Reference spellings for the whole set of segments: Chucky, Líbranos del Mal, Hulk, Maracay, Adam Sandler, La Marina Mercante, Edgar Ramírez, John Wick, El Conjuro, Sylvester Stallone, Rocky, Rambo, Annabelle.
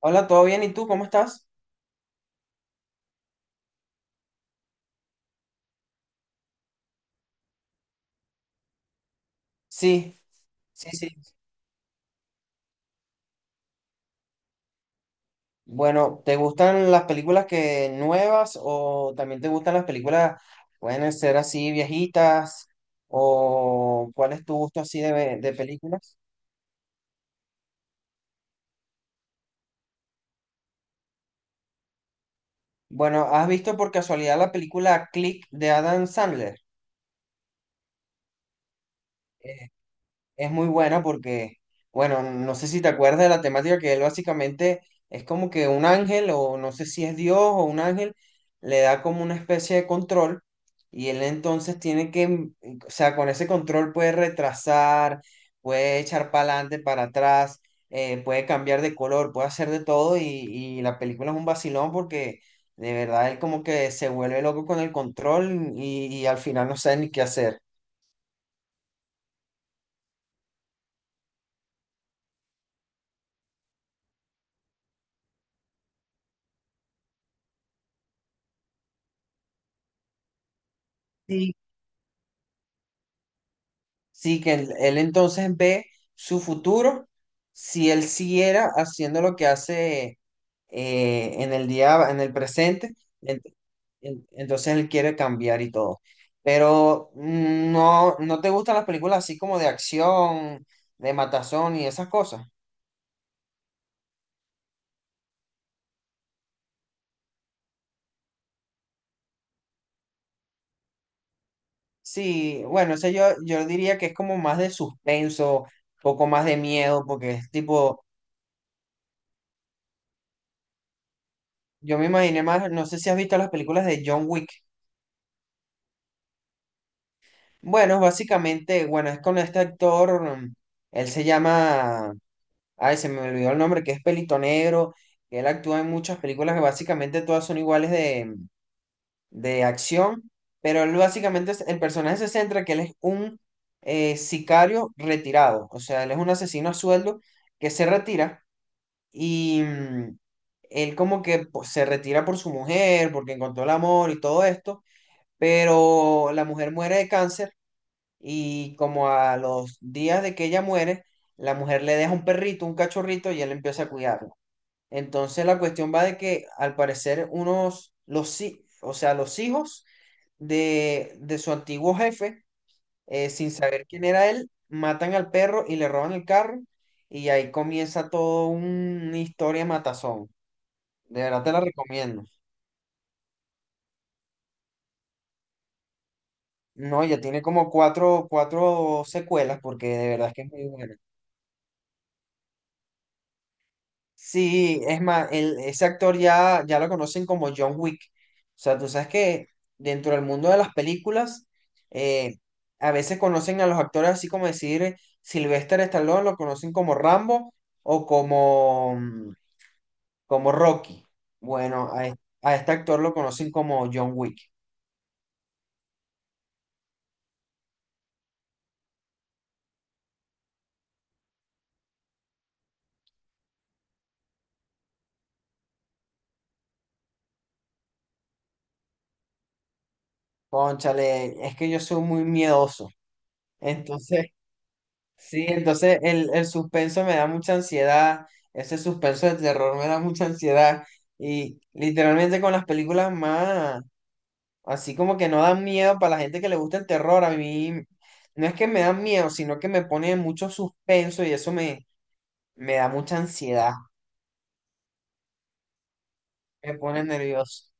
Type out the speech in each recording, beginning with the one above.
Hola, ¿todo bien? ¿Y tú cómo estás? Sí, sí. Bueno, ¿te gustan las películas que nuevas o también te gustan las películas, pueden ser así viejitas o cuál es tu gusto así de, de películas? Bueno, ¿has visto por casualidad la película Click de Adam Sandler? Es muy buena porque, bueno, no sé si te acuerdas de la temática que él básicamente es como que un ángel, o no sé si es Dios o un ángel, le da como una especie de control y él entonces tiene que, o sea, con ese control puede retrasar, puede echar para adelante, para atrás, puede cambiar de color, puede hacer de todo y la película es un vacilón porque de verdad él como que se vuelve loco con el control y al final no sabe ni qué hacer. Sí, que él entonces ve su futuro si él siguiera haciendo lo que hace en el día, en el presente, ent- entonces él quiere cambiar y todo. Pero no, no te gustan las películas así como de acción, de matazón y esas cosas. Sí, bueno, ese yo diría que es como más de suspenso, poco más de miedo, porque es tipo, yo me imaginé más, no sé si has visto las películas de John Wick. Bueno, básicamente, bueno, es con este actor, él se llama, ay, se me olvidó el nombre, que es Pelito Negro, que él actúa en muchas películas que básicamente todas son iguales de acción, pero él básicamente, el personaje se centra que él es un sicario retirado, o sea, él es un asesino a sueldo que se retira y él como que pues, se retira por su mujer, porque encontró el amor y todo esto, pero la mujer muere de cáncer y como a los días de que ella muere, la mujer le deja un perrito, un cachorrito, y él empieza a cuidarlo. Entonces la cuestión va de que al parecer unos, los, o sea, los hijos de su antiguo jefe, sin saber quién era él, matan al perro y le roban el carro. Y ahí comienza todo una historia matazón. De verdad te la recomiendo. No, ya tiene como cuatro secuelas porque de verdad es que es muy buena. Sí, es más, el, ese actor ya, ya lo conocen como John Wick. O sea, tú sabes que dentro del mundo de las películas, eh, a veces conocen a los actores así como decir Sylvester Stallone, lo conocen como Rambo o como, como Rocky. Bueno, a este actor lo conocen como John Wick. Cónchale, es que yo soy muy miedoso. Entonces, sí, entonces el suspenso me da mucha ansiedad, ese suspenso de terror me da mucha ansiedad y literalmente con las películas más, así como que no dan miedo para la gente que le gusta el terror, a mí no es que me dan miedo, sino que me pone mucho suspenso y eso me, me da mucha ansiedad, me pone nervioso.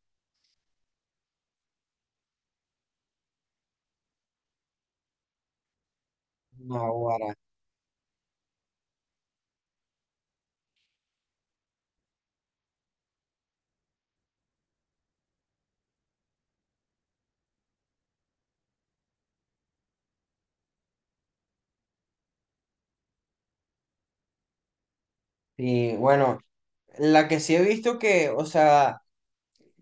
No, guara. Y bueno, la que sí he visto que, o sea,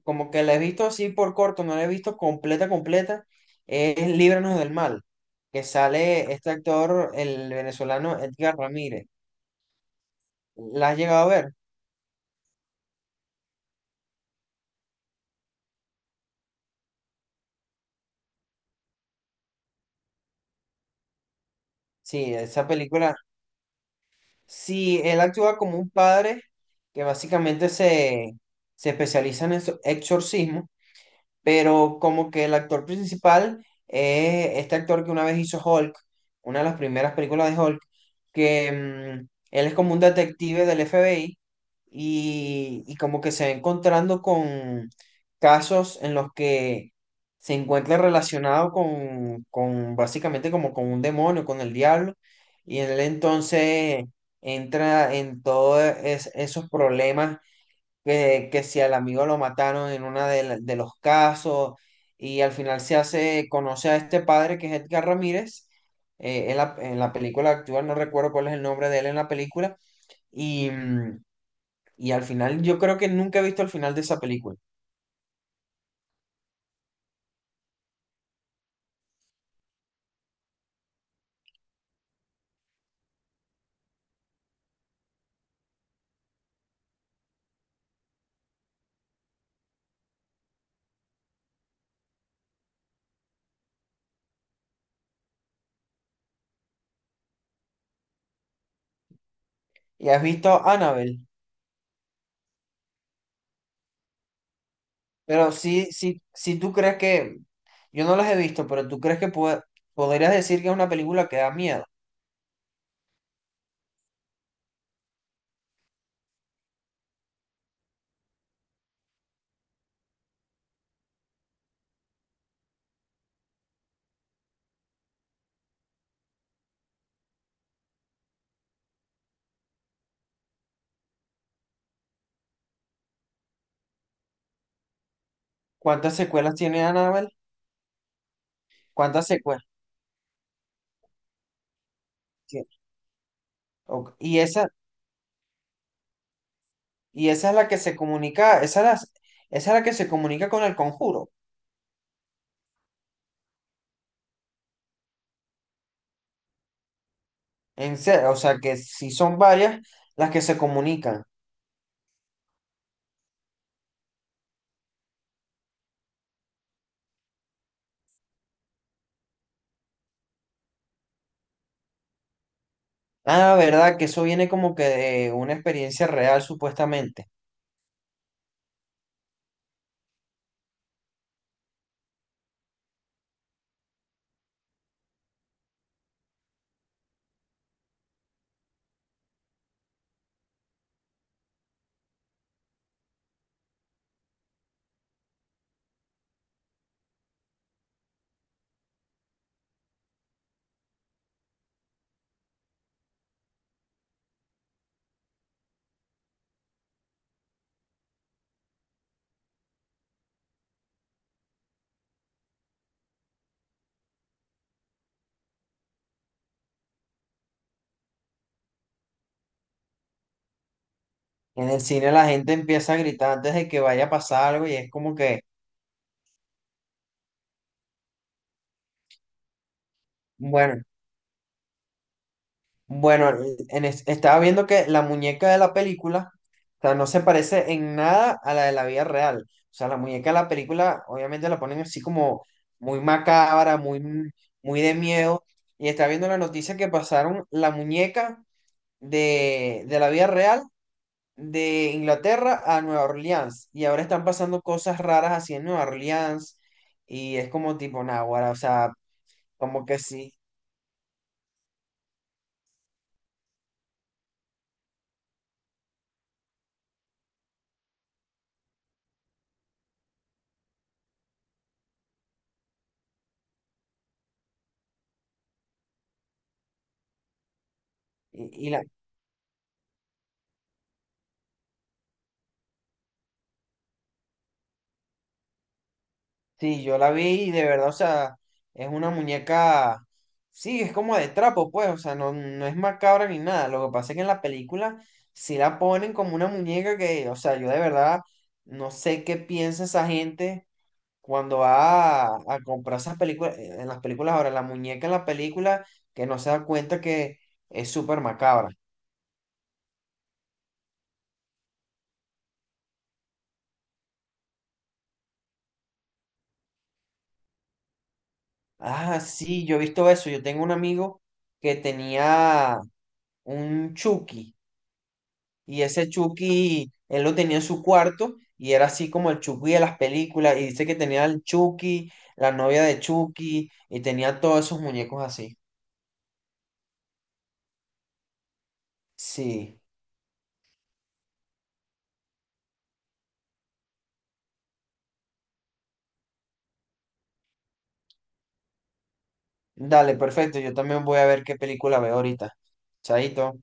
como que la he visto así por corto, no la he visto completa, completa, es Líbranos del Mal, que sale este actor, el venezolano Edgar Ramírez. ¿La has llegado a ver? Sí, esa película. Sí, él actúa como un padre que básicamente se, se especializa en exorcismo pero como que el actor principal es este actor que una vez hizo Hulk, una de las primeras películas de Hulk, que él es como un detective del FBI y como que se va encontrando con casos en los que se encuentra relacionado con básicamente como con un demonio, con el diablo, y él entonces entra en todos esos problemas que si al amigo lo mataron en uno de, de los casos y al final se hace, conoce a este padre que es Edgar Ramírez, en la película actual, no recuerdo cuál es el nombre de él en la película, y, y al final yo creo que nunca he visto el final de esa película. ¿Y has visto Annabelle, pero sí, sí, sí tú crees que, yo no las he visto, pero tú crees que podrías decir que es una película que da miedo? ¿Cuántas secuelas tiene Annabelle? ¿Cuántas secuelas tiene? Ok. Y esa y esa es la que se comunica, esa es la que se comunica con el conjuro. En serio, o sea que si son varias las que se comunican. Ah, verdad, que eso viene como que de una experiencia real, supuestamente. En el cine la gente empieza a gritar antes de que vaya a pasar algo y es como que, bueno, bueno, en estaba viendo que la muñeca de la película, o sea, no se parece en nada a la de la vida real. O sea, la muñeca de la película, obviamente la ponen así como muy macabra, muy, muy de miedo. Y estaba viendo la noticia que pasaron la muñeca de la vida real de Inglaterra a Nueva Orleans. Y ahora están pasando cosas raras así en Nueva Orleans. Y es como tipo náguara, o sea, como que sí. Y, y la, sí, yo la vi y de verdad, o sea, es una muñeca, sí, es como de trapo, pues, o sea, no, no es macabra ni nada. Lo que pasa es que en la película sí la ponen como una muñeca que, o sea, yo de verdad no sé qué piensa esa gente cuando va a comprar esas películas, en las películas ahora, la muñeca en la película que no se da cuenta que es súper macabra. Ah, sí, yo he visto eso. Yo tengo un amigo que tenía un Chucky. Y ese Chucky, él lo tenía en su cuarto y era así como el Chucky de las películas y dice que tenía el Chucky, la novia de Chucky y tenía todos esos muñecos así. Sí, dale, perfecto, yo también voy a ver qué película veo ahorita. Chaito.